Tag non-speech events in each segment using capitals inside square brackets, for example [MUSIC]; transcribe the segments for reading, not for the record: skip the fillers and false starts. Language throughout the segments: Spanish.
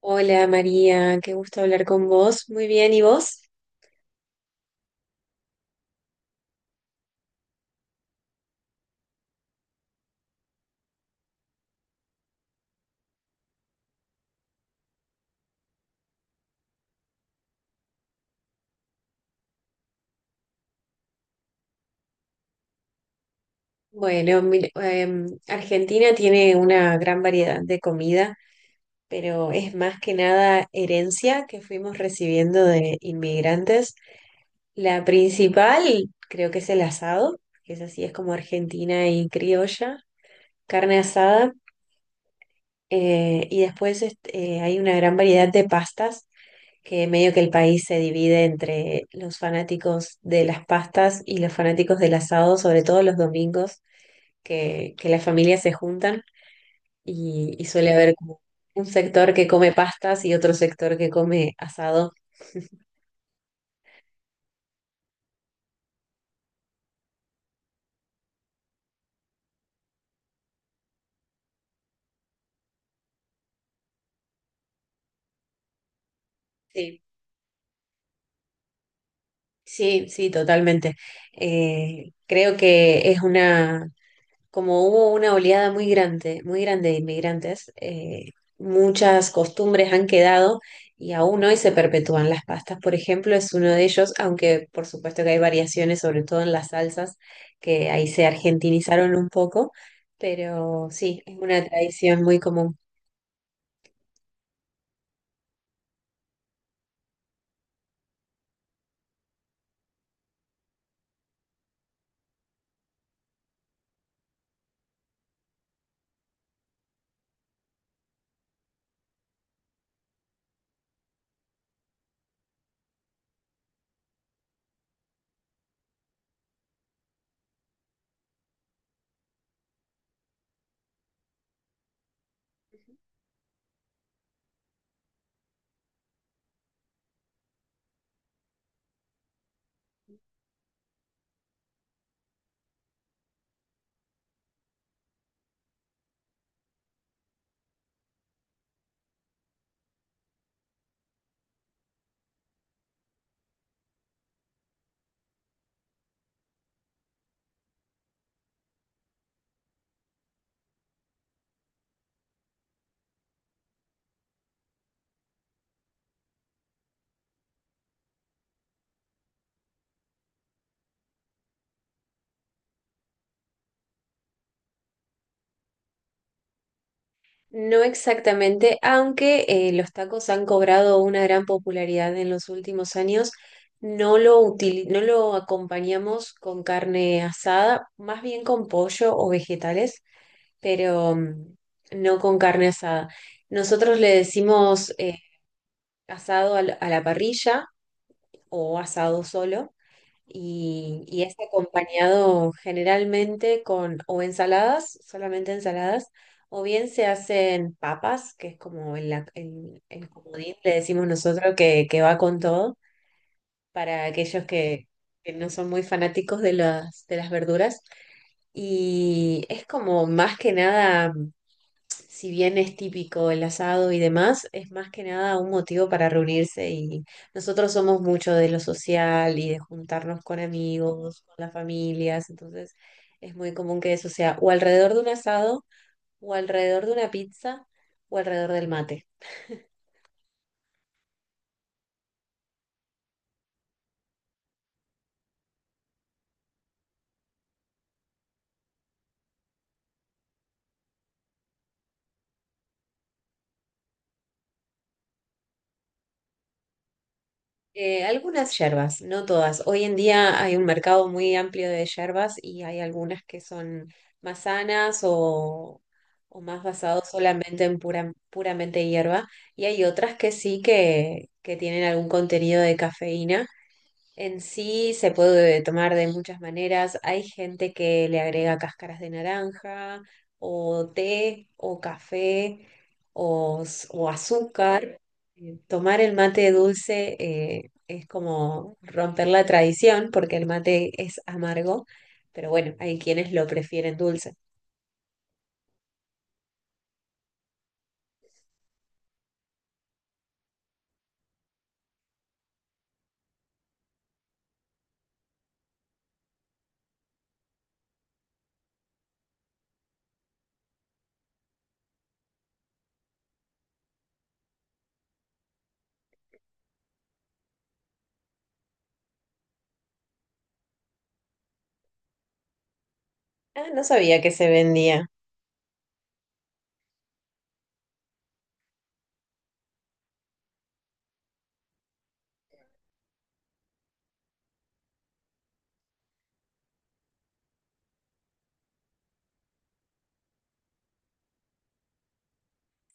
Hola María, qué gusto hablar con vos. Muy bien, ¿y vos? Bueno, mira, Argentina tiene una gran variedad de comida, pero es más que nada herencia que fuimos recibiendo de inmigrantes. La principal creo que es el asado, que es así, es como argentina y criolla, carne asada. Y después hay una gran variedad de pastas, que medio que el país se divide entre los fanáticos de las pastas y los fanáticos del asado, sobre todo los domingos, que las familias se juntan y suele haber como un sector que come pastas y otro sector que come asado. Sí, sí, sí, totalmente. Creo que es una, como hubo una oleada muy grande de inmigrantes, muchas costumbres han quedado y aún hoy se perpetúan. Las pastas, por ejemplo, es uno de ellos, aunque por supuesto que hay variaciones, sobre todo en las salsas, que ahí se argentinizaron un poco, pero sí, es una tradición muy común. No exactamente, aunque los tacos han cobrado una gran popularidad en los últimos años, no lo acompañamos con carne asada, más bien con pollo o vegetales, pero no con carne asada. Nosotros le decimos asado a la parrilla o asado solo y es acompañado generalmente con o ensaladas, solamente ensaladas, o bien se hacen papas, que es como el comodín, le decimos nosotros que va con todo, para aquellos que no son muy fanáticos de de las verduras. Y es como más que nada, si bien es típico el asado y demás, es más que nada un motivo para reunirse, y nosotros somos mucho de lo social y de juntarnos con amigos, con las familias. Entonces es muy común que eso sea o alrededor de un asado, o alrededor de una pizza, o alrededor del mate. Algunas yerbas, no todas. Hoy en día hay un mercado muy amplio de yerbas y hay algunas que son más sanas o más basados solamente en puramente hierba, y hay otras que sí, que tienen algún contenido de cafeína. En sí se puede tomar de muchas maneras. Hay gente que le agrega cáscaras de naranja, o té, o café, o azúcar. Tomar el mate dulce es como romper la tradición, porque el mate es amargo, pero bueno, hay quienes lo prefieren dulce. Ah, no sabía que se vendía.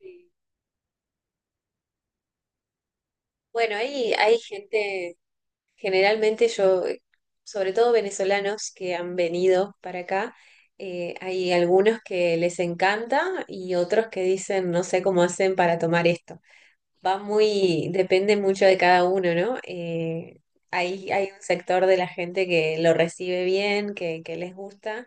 Sí. Bueno, hay gente. Generalmente yo, sobre todo venezolanos que han venido para acá, hay algunos que les encanta y otros que dicen, no sé cómo hacen para tomar esto. Va muy, depende mucho de cada uno, ¿no? Hay, hay un sector de la gente que lo recibe bien, que les gusta,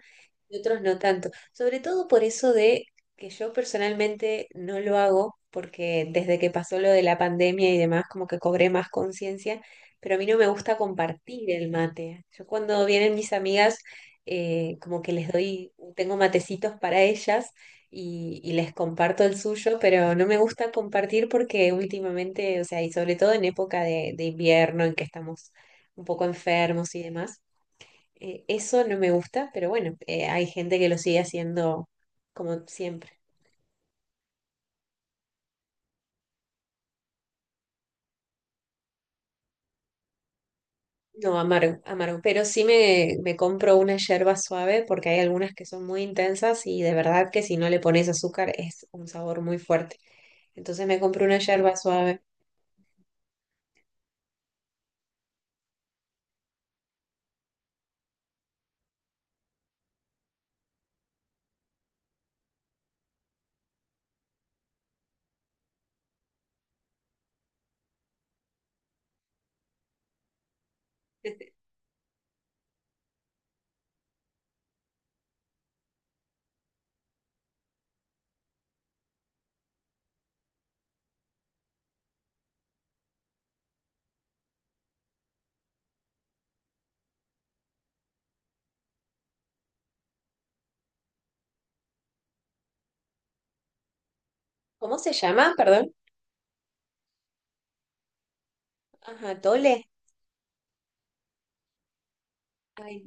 y otros no tanto. Sobre todo por eso de que yo personalmente no lo hago, porque desde que pasó lo de la pandemia y demás, como que cobré más conciencia, pero a mí no me gusta compartir el mate. Yo cuando vienen mis amigas, como que les doy, tengo matecitos para ellas y les comparto el suyo, pero no me gusta compartir porque últimamente, o sea, y sobre todo en época de invierno en que estamos un poco enfermos y demás, eso no me gusta, pero bueno, hay gente que lo sigue haciendo como siempre. No, amargo, amargo, pero sí me compro una yerba suave porque hay algunas que son muy intensas y de verdad que si no le pones azúcar es un sabor muy fuerte. Entonces me compro una yerba suave. [LAUGHS] ¿Cómo se llama? Perdón. Ajá, tole. Ay,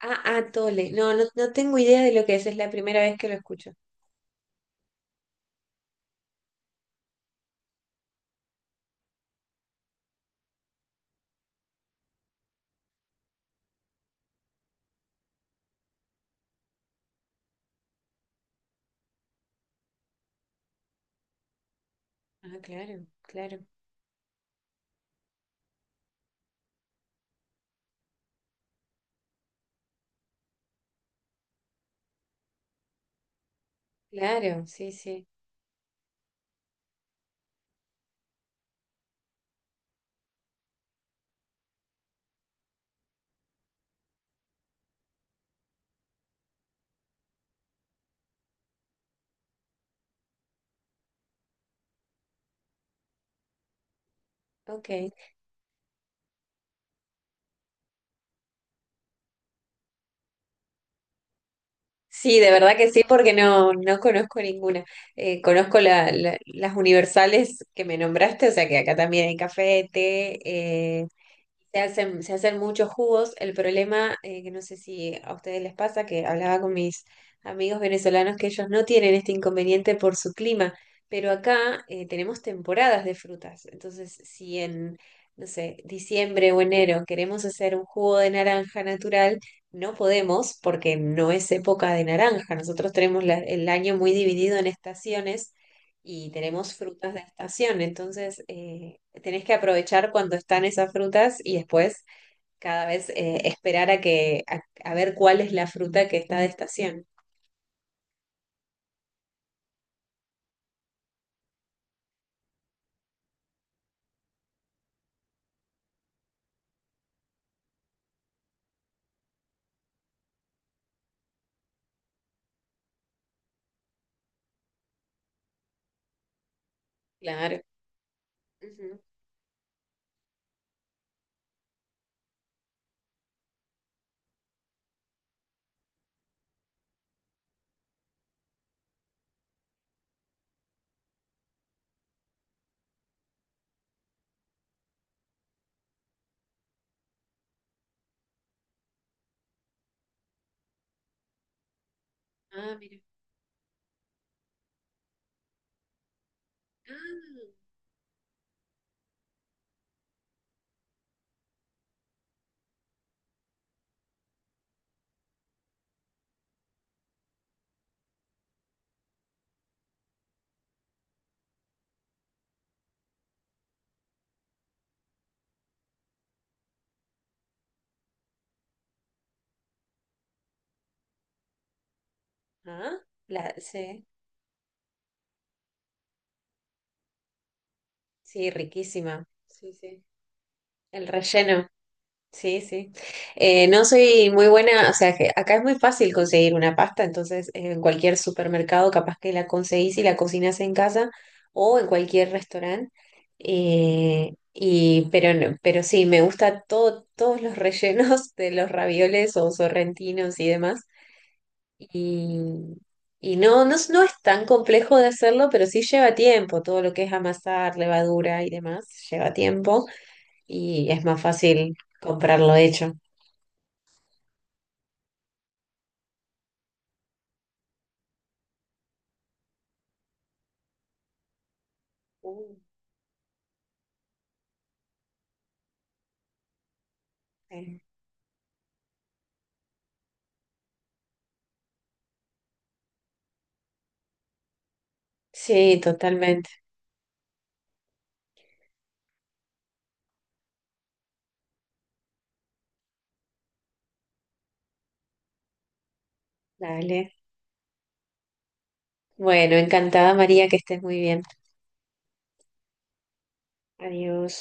ah, atole. No, no, no tengo idea de lo que es. Es la primera vez que lo escucho. Ah, claro, claro, claro, sí, sí. Ok. Sí, de verdad que sí, porque no, no conozco ninguna. Conozco las universales que me nombraste, o sea que acá también hay café, té, eh. Se hacen muchos jugos. El problema, que no sé si a ustedes les pasa, que hablaba con mis amigos venezolanos que ellos no tienen este inconveniente por su clima, pero acá tenemos temporadas de frutas. Entonces, si en, no sé, diciembre o enero queremos hacer un jugo de naranja natural, no podemos porque no es época de naranja. Nosotros tenemos el año muy dividido en estaciones y tenemos frutas de estación, entonces tenés que aprovechar cuando están esas frutas y después cada vez esperar a que a ver cuál es la fruta que está de estación. Claro. Ujú. Ah, mira. Ah, ah, la, sí, sí, riquísima. Sí, sí. El relleno. Sí, sí. No soy muy buena, o sea, que acá es muy fácil conseguir una pasta, entonces en cualquier supermercado capaz que la conseguís y la cocinas en casa o en cualquier restaurante. Pero, pero sí, me gusta todo, todos los rellenos de los ravioles o sorrentinos y demás. Y, y no, no, no es tan complejo de hacerlo, pero sí lleva tiempo, todo lo que es amasar, levadura y demás, lleva tiempo y es más fácil comprarlo hecho. Uh, sí, sí, totalmente. Dale. Bueno, encantada María, que estés muy bien. Adiós.